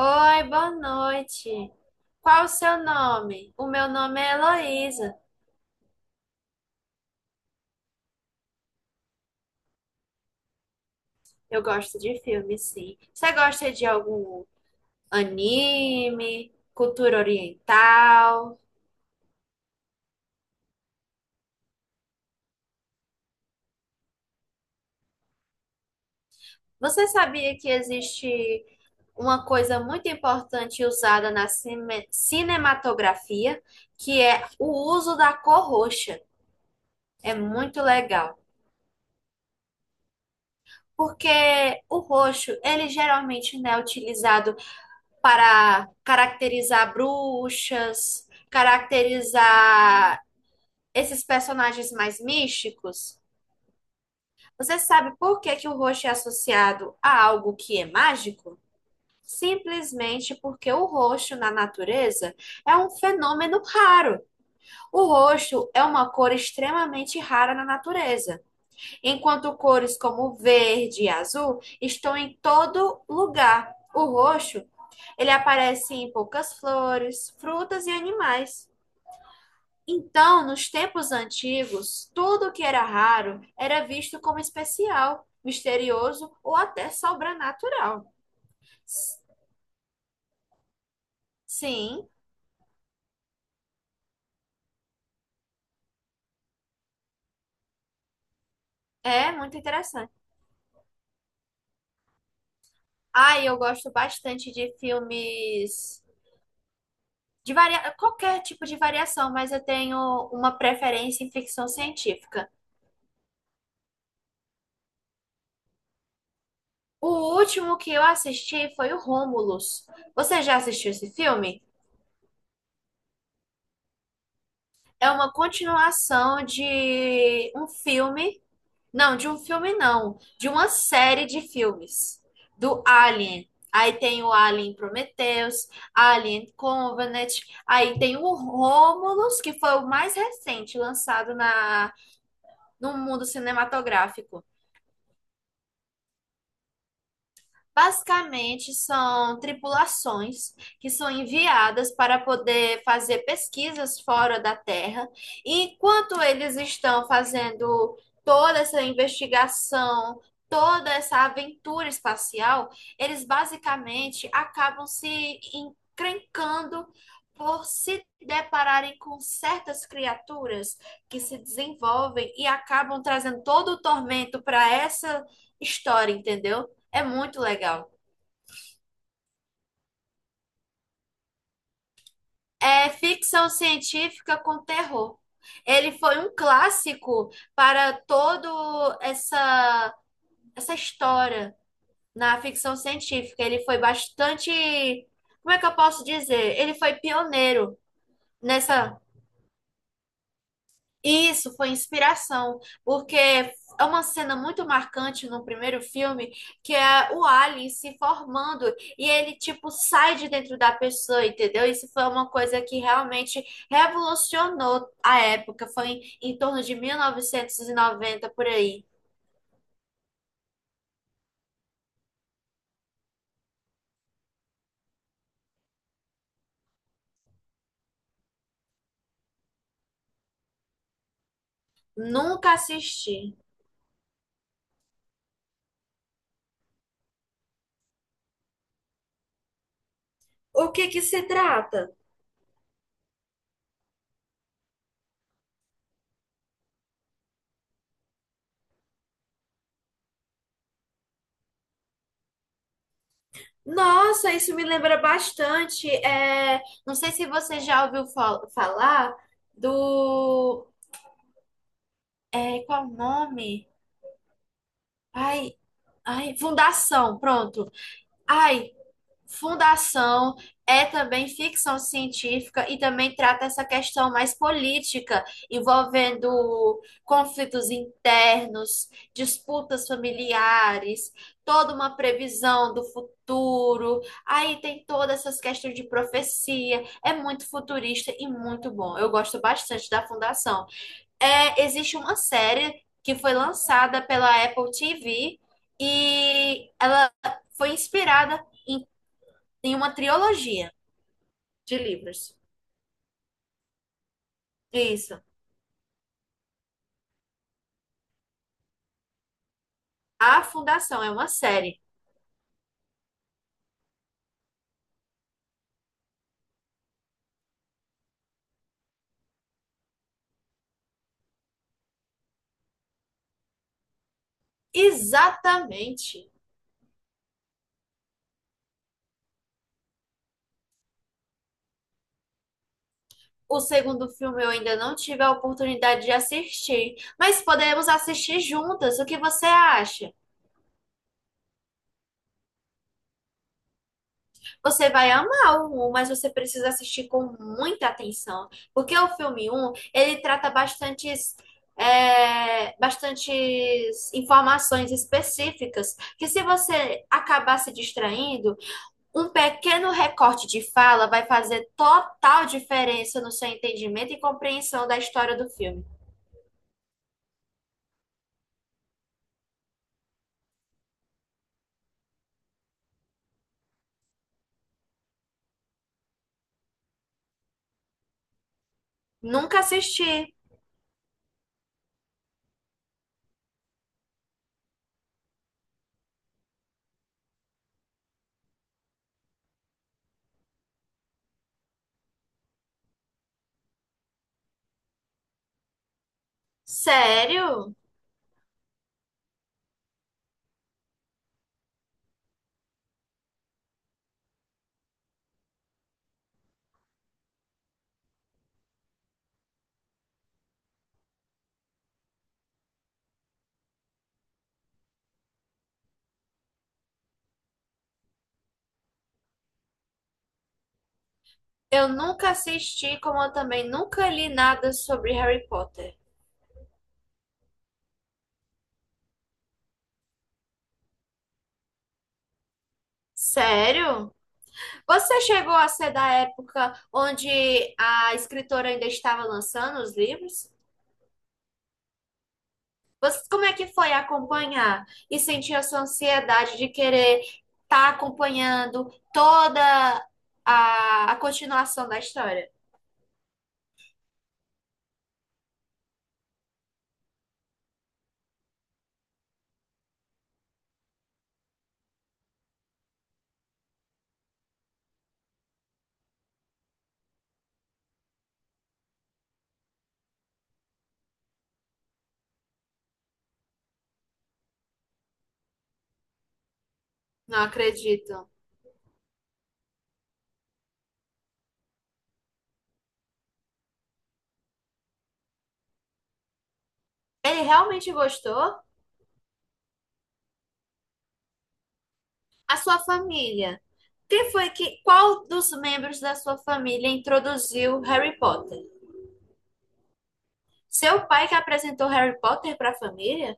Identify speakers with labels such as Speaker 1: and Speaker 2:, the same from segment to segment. Speaker 1: Oi, boa noite. Qual o seu nome? O meu nome é Heloísa. Eu gosto de filme, sim. Você gosta de algum anime, cultura oriental? Você sabia que existe uma coisa muito importante usada na cinematografia, que é o uso da cor roxa? É muito legal. Porque o roxo, ele geralmente não é utilizado para caracterizar bruxas, caracterizar esses personagens mais místicos. Você sabe por que que o roxo é associado a algo que é mágico? Simplesmente porque o roxo na natureza é um fenômeno raro. O roxo é uma cor extremamente rara na natureza, enquanto cores como verde e azul estão em todo lugar. O roxo, ele aparece em poucas flores, frutas e animais. Então, nos tempos antigos, tudo que era raro era visto como especial, misterioso ou até sobrenatural. Sim, é muito interessante. Ah, e eu gosto bastante de filmes de qualquer tipo de variação, mas eu tenho uma preferência em ficção científica. O último que eu assisti foi o Rômulus. Você já assistiu esse filme? É uma continuação de um filme. Não, de um filme não, de uma série de filmes do Alien. Aí tem o Alien Prometheus, Alien Covenant, aí tem o Rômulus, que foi o mais recente lançado na no mundo cinematográfico. Basicamente, são tripulações que são enviadas para poder fazer pesquisas fora da Terra. E enquanto eles estão fazendo toda essa investigação, toda essa aventura espacial, eles basicamente acabam se encrencando por se depararem com certas criaturas que se desenvolvem e acabam trazendo todo o tormento para essa história, entendeu? É muito legal. É ficção científica com terror. Ele foi um clássico para todo essa história na ficção científica. Ele foi bastante, como é que eu posso dizer? Ele foi pioneiro nessa. Isso foi inspiração, porque é uma cena muito marcante no primeiro filme, que é o Ali se formando e ele tipo sai de dentro da pessoa, entendeu? Isso foi uma coisa que realmente revolucionou a época, foi em torno de 1990 por aí. Nunca assisti. O que que se trata? Nossa, isso me lembra bastante. Não sei se você já ouviu falar do qual o nome? Ai, ai, fundação, pronto. Ai, fundação é também ficção científica e também trata essa questão mais política, envolvendo conflitos internos, disputas familiares, toda uma previsão do futuro. Aí tem todas essas questões de profecia. É muito futurista e muito bom. Eu gosto bastante da fundação. Existe uma série que foi lançada pela Apple TV e ela foi inspirada em uma trilogia de livros. Isso. A Fundação é uma série. Exatamente. O segundo filme eu ainda não tive a oportunidade de assistir, mas podemos assistir juntas. O que você acha? Você vai amar o 1, mas você precisa assistir com muita atenção, porque o filme um, ele trata bastantes, bastantes informações específicas, que se você acabar se distraindo, um pequeno recorte de fala vai fazer total diferença no seu entendimento e compreensão da história do filme. Nunca assisti. Sério? Eu nunca assisti, como eu também nunca li nada sobre Harry Potter. Sério? Você chegou a ser da época onde a escritora ainda estava lançando os livros? Você, como é que foi acompanhar e sentir essa ansiedade de querer estar acompanhando toda a continuação da história? Não acredito. Ele realmente gostou? A sua família? Qual dos membros da sua família introduziu Harry Potter? Seu pai que apresentou Harry Potter para a família?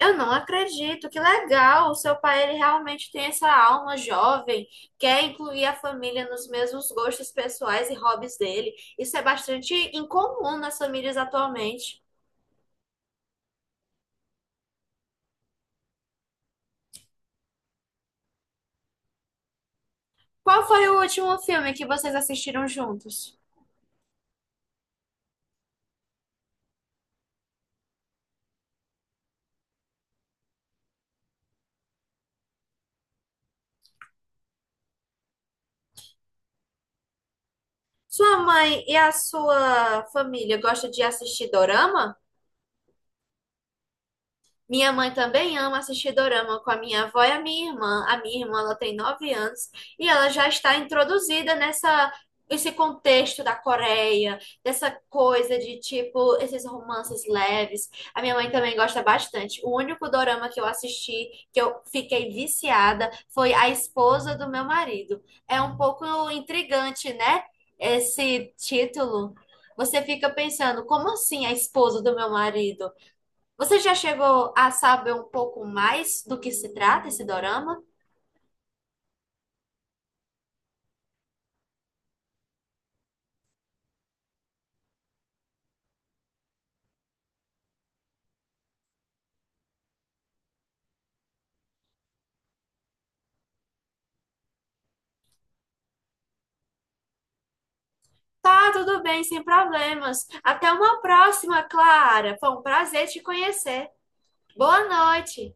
Speaker 1: Eu não acredito, que legal! O seu pai, ele realmente tem essa alma jovem, quer incluir a família nos mesmos gostos pessoais e hobbies dele. Isso é bastante incomum nas famílias atualmente. Qual foi o último filme que vocês assistiram juntos? Sua mãe e a sua família gostam de assistir dorama? Minha mãe também ama assistir dorama com a minha avó e a minha irmã. A minha irmã, ela tem 9 anos e ela já está introduzida nessa esse contexto da Coreia, dessa coisa de tipo esses romances leves. A minha mãe também gosta bastante. O único dorama que eu assisti que eu fiquei viciada foi A Esposa do Meu Marido. É um pouco intrigante, né? Esse título. Você fica pensando, como assim a esposa do meu marido? Você já chegou a saber um pouco mais do que se trata esse dorama? Tá, tudo bem, sem problemas. Até uma próxima, Clara. Foi um prazer te conhecer. Boa noite.